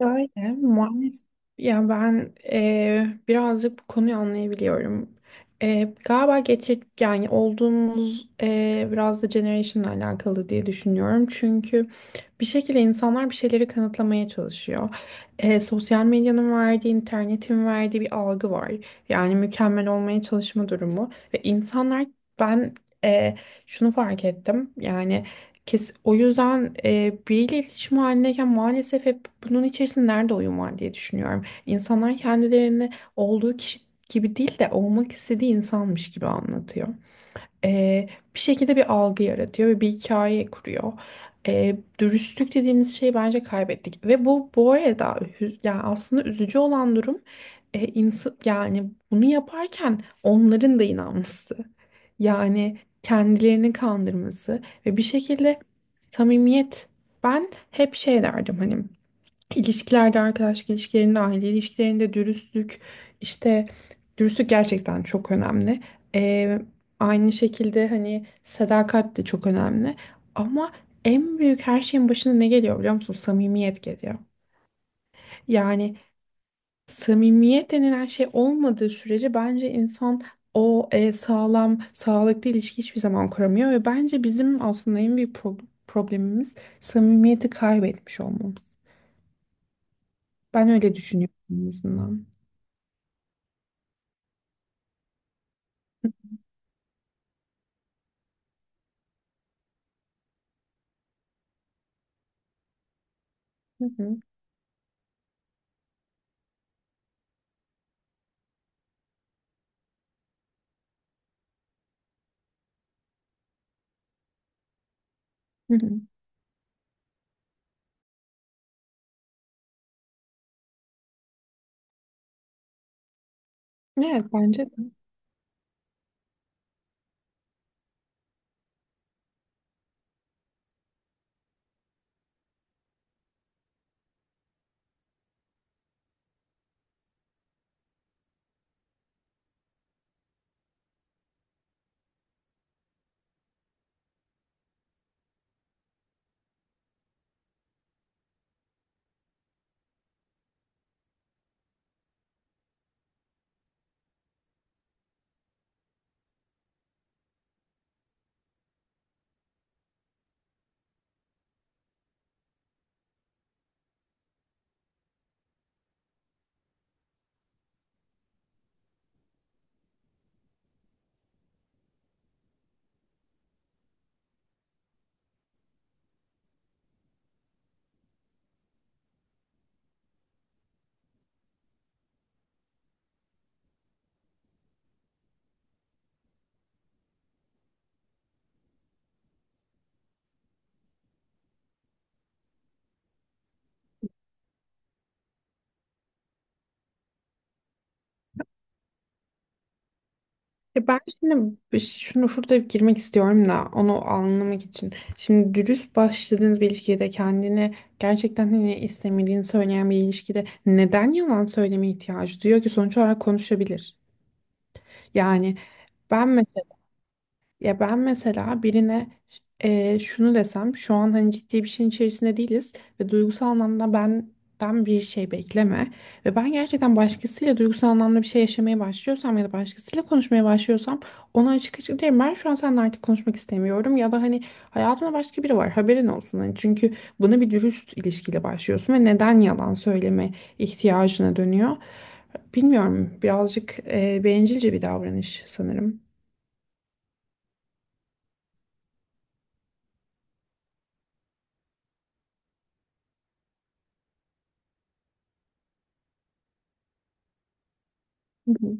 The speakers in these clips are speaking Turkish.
Öyle maalesef. Ya ben birazcık bu konuyu anlayabiliyorum. Galiba getir yani olduğumuz biraz da generation'la alakalı diye düşünüyorum. Çünkü bir şekilde insanlar bir şeyleri kanıtlamaya çalışıyor. Sosyal medyanın verdiği, internetin verdiği bir algı var. Yani mükemmel olmaya çalışma durumu ve insanlar ben eee, şunu fark ettim. Yani kes, o yüzden biriyle iletişim halindeyken maalesef hep bunun içerisinde nerede oyun var diye düşünüyorum. İnsanlar kendilerini olduğu kişi gibi değil de olmak istediği insanmış gibi anlatıyor, e, bir şekilde bir algı yaratıyor ve bir hikaye kuruyor. Dürüstlük dediğimiz şeyi bence kaybettik ve bu bu arada yani aslında üzücü olan durum, insan yani bunu yaparken onların da inanması. Yani kendilerini kandırması ve bir şekilde samimiyet. Ben hep şey derdim hani İlişkilerde, arkadaşlık ilişkilerinde, aile ilişkilerinde dürüstlük, işte dürüstlük gerçekten çok önemli. Ee, Aynı şekilde hani sadakat de çok önemli. Ama en büyük her şeyin başına ne geliyor biliyor musun? Samimiyet geliyor. Yani samimiyet denilen şey olmadığı sürece bence insan o sağlam, sağlıklı ilişki hiçbir zaman kuramıyor ve bence bizim aslında en büyük problemimiz samimiyeti kaybetmiş olmamız. Ben öyle düşünüyorum en azından. Hı hı, hı hı. Evet bence de. Ya ben şimdi şunu şurada girmek istiyorum da onu anlamak için. Şimdi dürüst başladığınız bir ilişkide kendini gerçekten hani istemediğini söyleyen bir ilişkide neden yalan söyleme ihtiyacı duyuyor ki sonuç olarak konuşabilir. Yani ben, ya ben mesela birine şunu desem şu an hani ciddi bir şeyin içerisinde değiliz ve duygusal anlamda benden bir şey bekleme ve ben gerçekten başkasıyla duygusal anlamda bir şey yaşamaya başlıyorsam ya da başkasıyla konuşmaya başlıyorsam ona açık açık derim ben şu an seninle artık konuşmak istemiyorum ya da hani hayatımda başka biri var haberin olsun hani çünkü buna bir dürüst ilişkiyle başlıyorsun ve neden yalan söyleme ihtiyacına dönüyor bilmiyorum, birazcık bencilce bir davranış sanırım. Hı hı.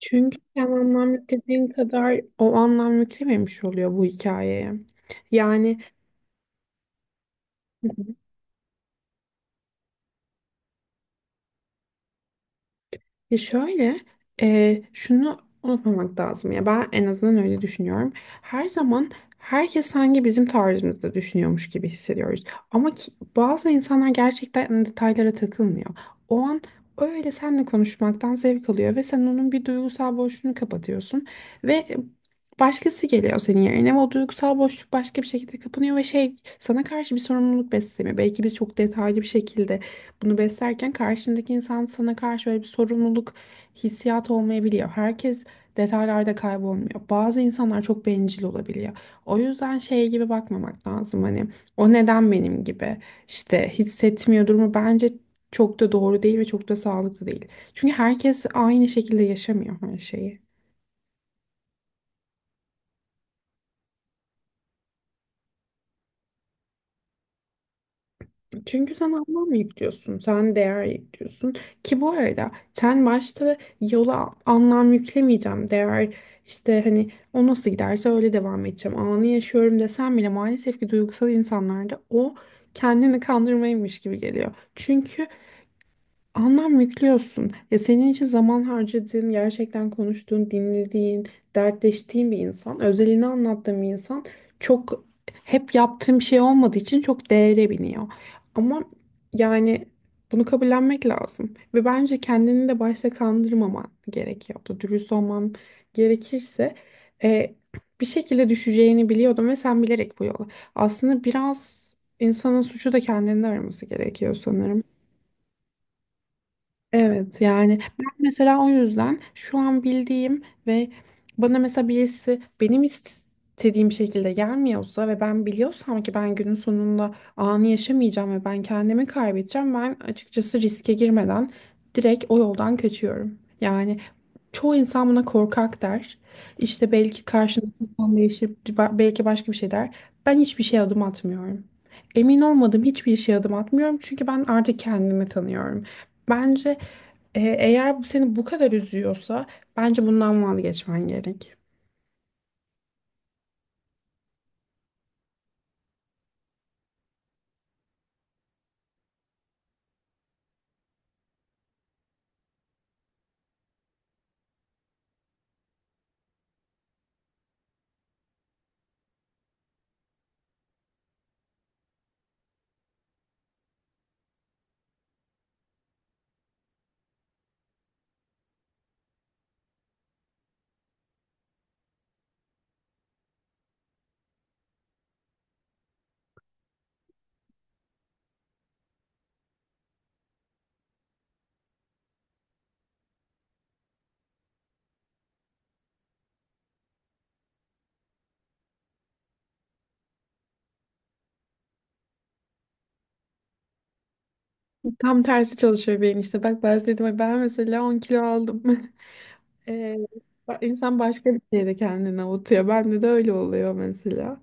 Çünkü sen anlam yüklediğin kadar o anlam yüklememiş oluyor bu hikayeye. Yani ya şöyle, şunu unutmamak lazım ya ben en azından öyle düşünüyorum. Her zaman herkes sanki bizim tarzımızda düşünüyormuş gibi hissediyoruz. Ama ki, bazı insanlar gerçekten detaylara takılmıyor. O an öyle seninle konuşmaktan zevk alıyor ve sen onun bir duygusal boşluğunu kapatıyorsun ve başkası geliyor senin yerine ve o duygusal boşluk başka bir şekilde kapanıyor ve şey sana karşı bir sorumluluk beslemiyor. Belki biz çok detaylı bir şekilde bunu beslerken karşındaki insan sana karşı böyle bir sorumluluk hissiyatı olmayabiliyor. Herkes detaylarda kaybolmuyor. Bazı insanlar çok bencil olabiliyor. O yüzden şey gibi bakmamak lazım, hani o neden benim gibi işte hissetmiyor durumu bence çok da doğru değil ve çok da sağlıklı değil. Çünkü herkes aynı şekilde yaşamıyor her şeyi. Çünkü sen anlam yüklüyorsun, sen değer yüklüyorsun. Ki bu arada sen başta yola anlam yüklemeyeceğim, değer işte hani o nasıl giderse öyle devam edeceğim. Anı yaşıyorum desem bile maalesef ki duygusal insanlarda o kendini kandırmaymış gibi geliyor. Çünkü anlam yüklüyorsun. Ya senin için zaman harcadığın, gerçekten konuştuğun, dinlediğin, dertleştiğin bir insan, özelini anlattığın bir insan çok, hep yaptığım şey olmadığı için çok değere biniyor. Ama yani bunu kabullenmek lazım. Ve bence kendini de başta kandırmaman gerekiyordu. Dürüst olman gerekirse e, bir şekilde düşeceğini biliyordum ve sen bilerek bu yola. Aslında biraz insanın suçu da kendinde araması gerekiyor sanırım. Evet yani ben mesela o yüzden şu an bildiğim ve bana mesela birisi benim istediğim şekilde gelmiyorsa ve ben biliyorsam ki ben günün sonunda anı yaşamayacağım ve ben kendimi kaybedeceğim, ben açıkçası riske girmeden direkt o yoldan kaçıyorum. Yani çoğu insan buna korkak der. İşte belki karşındaki insan değişir, belki başka bir şey der. Ben hiçbir şeye adım atmıyorum. Emin olmadığım hiçbir şeye adım atmıyorum çünkü ben artık kendimi tanıyorum. Bence eğer bu seni bu kadar üzüyorsa bence bundan vazgeçmen gerek. Tam tersi çalışıyor beyin işte. Bak ben dedim ay ben mesela 10 kilo aldım. E, insan başka bir şeyde kendini avutuyor. Bende de öyle oluyor mesela.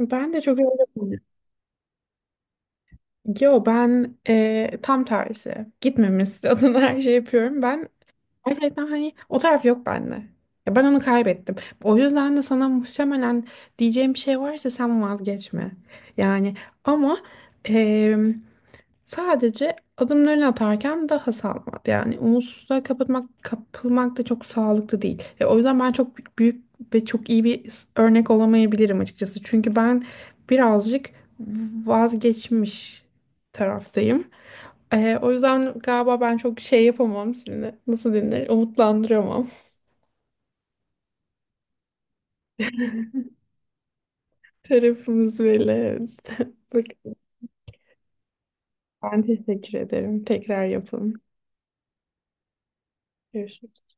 Ben de çok öyle oluyor. Yo ben tam tersi. Gitmemesi adına her şey yapıyorum. Ben gerçekten hani o taraf yok bende. Ya ben onu kaybettim. O yüzden de sana muhtemelen diyeceğim bir şey varsa sen vazgeçme. Yani ama em, sadece adımlarını atarken daha sağlam at. Yani umutsuzluğa kapatmak, kapılmak da çok sağlıklı değil. O yüzden ben çok büyük ve çok iyi bir örnek olamayabilirim açıkçası. Çünkü ben birazcık vazgeçmiş taraftayım. O yüzden galiba ben çok şey yapamam şimdi. Nasıl denir? Umutlandıramam. Tarafımız belli. Evet. Bak, ben teşekkür ederim. Tekrar yapalım. Görüşürüz.